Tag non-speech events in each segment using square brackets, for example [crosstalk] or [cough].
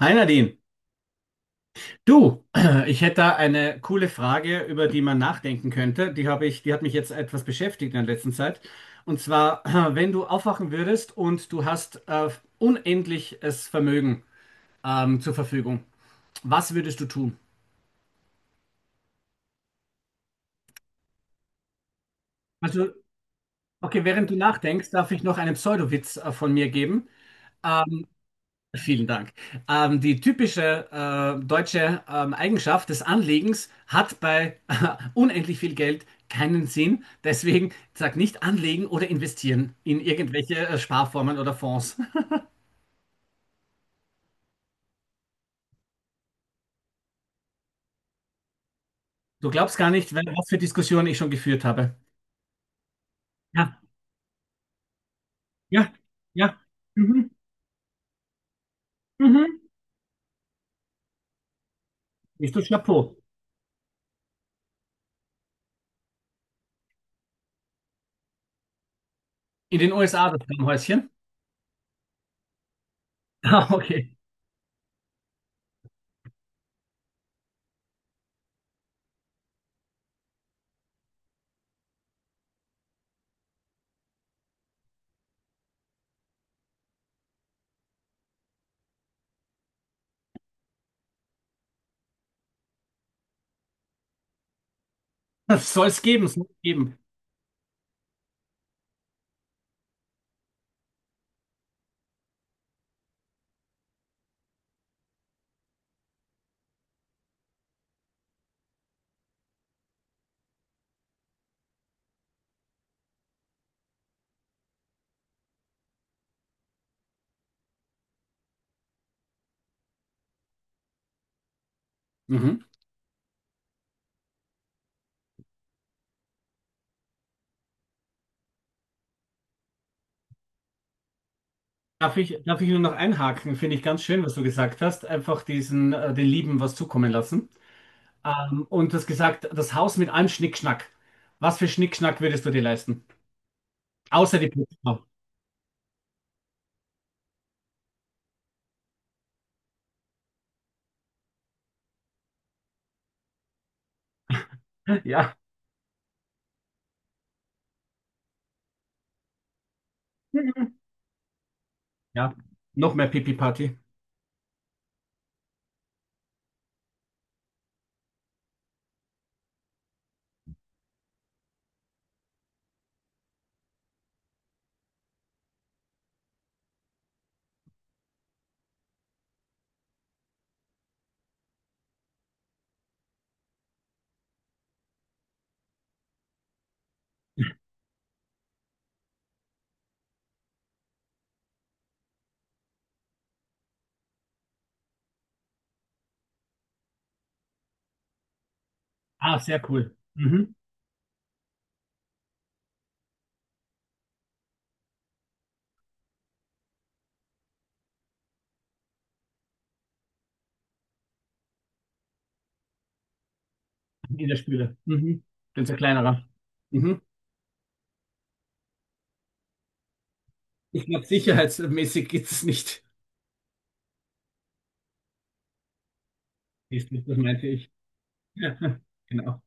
Hi Nadine, du, [clears throat] ich hätte da eine coole Frage, über die man nachdenken könnte. Die hat mich jetzt etwas beschäftigt in der letzten Zeit. Und zwar, [clears throat] wenn du aufwachen würdest und du hast unendliches Vermögen zur Verfügung, was würdest du tun? Also, okay, während du nachdenkst, darf ich noch einen Pseudowitz von mir geben. Ähm, Vielen Dank. Die typische deutsche Eigenschaft des Anlegens hat bei [laughs] unendlich viel Geld keinen Sinn. Deswegen sag nicht anlegen oder investieren in irgendwelche Sparformen oder Fonds. Du glaubst gar nicht, was für Diskussionen ich schon geführt habe. Ja, ja, ja. Mhm, mhm. Bist du Chapeau? In den USA das Häuschen? [laughs] Ah, okay. Das soll es geben, soll es geben. Mhm. Darf ich nur noch einhaken? Finde ich ganz schön, was du gesagt hast. Einfach diesen, den Lieben was zukommen lassen. Und das gesagt, das Haus mit allem Schnickschnack. Was für Schnickschnack würdest du dir leisten? Außer die Pizza. [laughs] Ja, ja. Noch mehr Pipi-Party. Ah, sehr cool. Mhm. In der Spüle. Mhm. Bin so kleinerer. Mhm. Ich glaube, sicherheitsmäßig geht es nicht. Siehst du, das meinte ich. [laughs] Genau.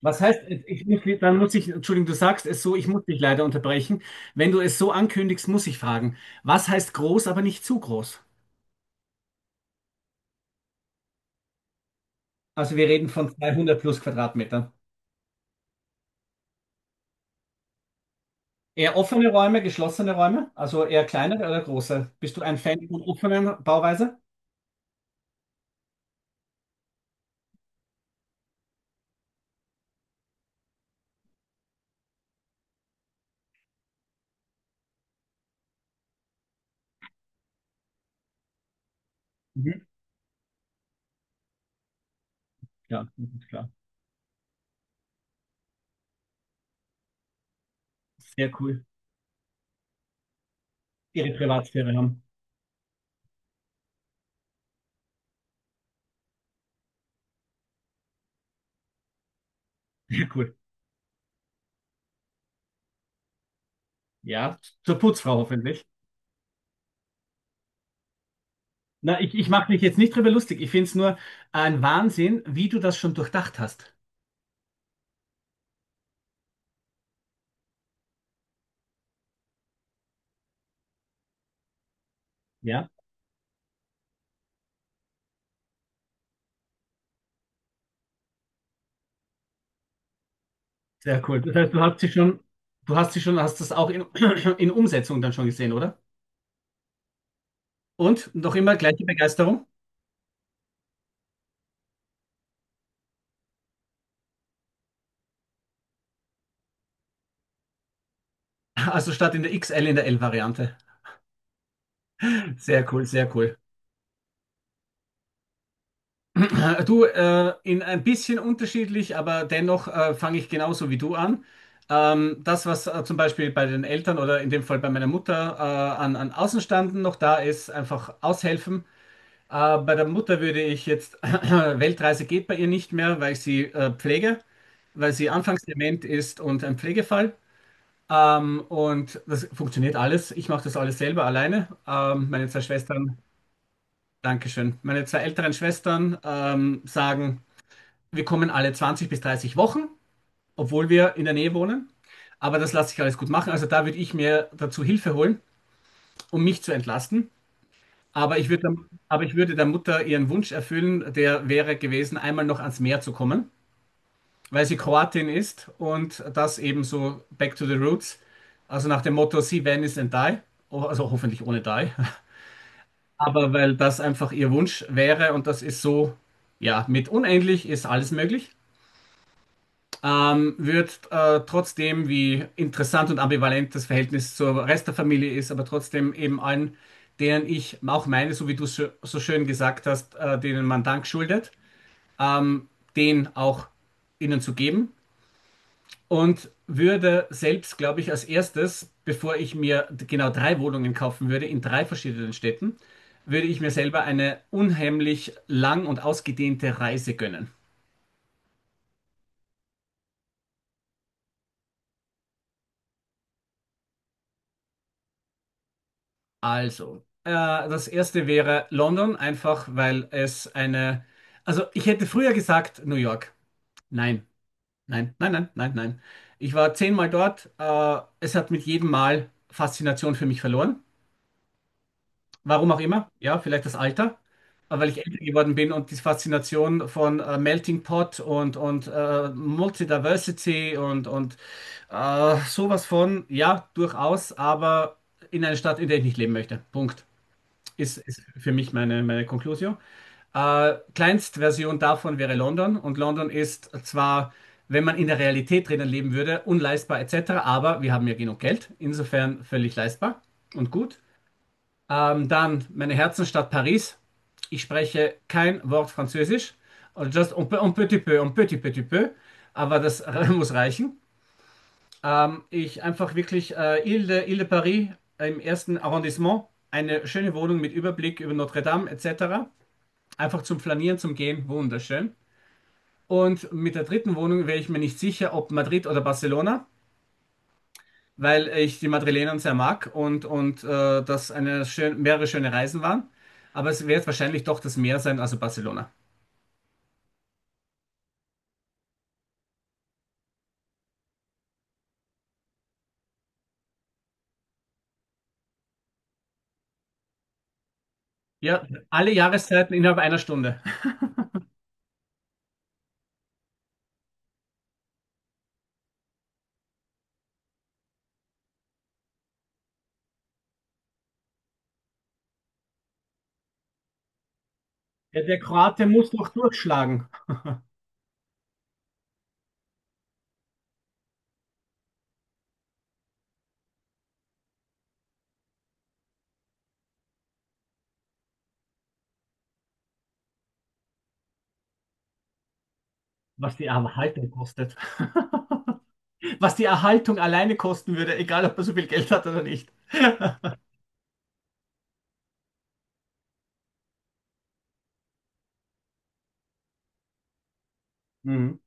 Was heißt, dann muss ich, Entschuldigung, du sagst es so, ich muss dich leider unterbrechen. Wenn du es so ankündigst, muss ich fragen, was heißt groß, aber nicht zu groß? Also wir reden von 200 plus Quadratmetern. Eher offene Räume, geschlossene Räume, also eher kleinere oder große? Bist du ein Fan von offenen Bauweise? Mhm. Ja, das ist klar. Sehr cool. Ihre Privatsphäre haben. Sehr cool. Ja, zur Putzfrau hoffentlich. Na, ich mache mich jetzt nicht drüber lustig. Ich finde es nur ein Wahnsinn, wie du das schon durchdacht hast. Ja. Sehr cool. Das heißt, du hast sie schon, hast das auch in, [clears throat] in Umsetzung dann schon gesehen, oder? Und noch immer gleiche Begeisterung? [laughs] Also statt in der XL in der L-Variante. Sehr cool, sehr cool. [clears throat] Du, in ein bisschen unterschiedlich, aber dennoch fange ich genauso wie du an. Das, was zum Beispiel bei den Eltern oder in dem Fall bei meiner Mutter an, an Außenstanden noch da ist, einfach aushelfen. Bei der Mutter würde ich jetzt, [clears throat] Weltreise geht bei ihr nicht mehr, weil ich sie pflege, weil sie anfangsdement ist und ein Pflegefall. Und das funktioniert alles. Ich mache das alles selber alleine. Meine 2 Schwestern, Dankeschön. Meine 2 älteren Schwestern sagen, wir kommen alle 20 bis 30 Wochen, obwohl wir in der Nähe wohnen. Aber das lasse ich alles gut machen. Also da würde ich mir dazu Hilfe holen, um mich zu entlasten. Aber ich würde, aber ich würde der Mutter ihren Wunsch erfüllen, der wäre gewesen, einmal noch ans Meer zu kommen, weil sie Kroatin ist und das eben so back to the roots. Also nach dem Motto, see Venice and die. Oh, also hoffentlich ohne die. [laughs] Aber weil das einfach ihr Wunsch wäre und das ist so, ja, mit unendlich ist alles möglich. Wird trotzdem, wie interessant und ambivalent das Verhältnis zur Rest der Familie ist, aber trotzdem eben allen, denen ich auch meine, so wie du so, so schön gesagt hast, denen man Dank schuldet, ähm, den auch ihnen zu geben. Und würde selbst, glaube ich, als erstes, bevor ich mir genau 3 Wohnungen kaufen würde, in 3 verschiedenen Städten, würde ich mir selber eine unheimlich lang und ausgedehnte Reise gönnen. Also, das erste wäre London, einfach weil es eine. Also, ich hätte früher gesagt New York. Nein, nein, nein, nein, nein, nein. Ich war 10-mal dort. Es hat mit jedem Mal Faszination für mich verloren. Warum auch immer. Ja, vielleicht das Alter. Aber weil ich älter geworden bin und die Faszination von Melting Pot und Multidiversity und sowas von, ja, durchaus, aber in einer Stadt, in der ich nicht leben möchte. Punkt. Ist für mich meine Conclusio. Kleinstversion davon wäre London. Und London ist zwar, wenn man in der Realität drinnen leben würde, unleistbar etc., aber wir haben ja genug Geld. Insofern völlig leistbar und gut. Dann meine Herzensstadt Paris. Ich spreche kein Wort Französisch. Also just un, un petit peu, un petit petit peu. Aber das [laughs] muss reichen. Ich einfach wirklich Ile de Paris im ersten Arrondissement, eine schöne Wohnung mit Überblick über Notre Dame etc. Einfach zum Flanieren, zum Gehen, wunderschön. Und mit der dritten Wohnung wäre ich mir nicht sicher, ob Madrid oder Barcelona, weil ich die Madrilener sehr mag und das eine schön, mehrere schöne Reisen waren. Aber es wird wahrscheinlich doch das Meer sein, also Barcelona. Ja, alle Jahreszeiten innerhalb einer Stunde. Ja, der Kroate muss doch durchschlagen, was die Erhaltung kostet. [laughs] Was die Erhaltung alleine kosten würde, egal ob er so viel Geld hat oder nicht. [laughs] Mhm.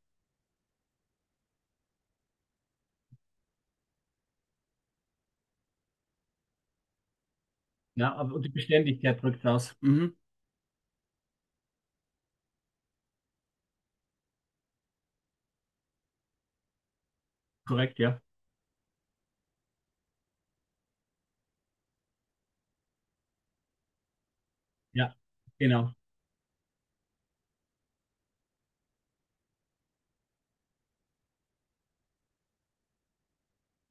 Ja, aber und die Beständigkeit drückt aus. Mhm. Korrekt, ja. Ja, genau.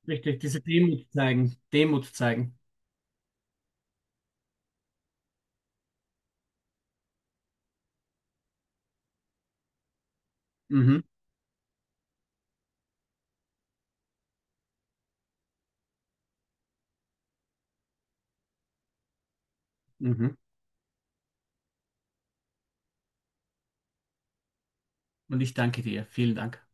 Richtig, diese Demut zeigen, Demut zeigen. Mhm. Mhm. Und ich danke dir. Vielen Dank.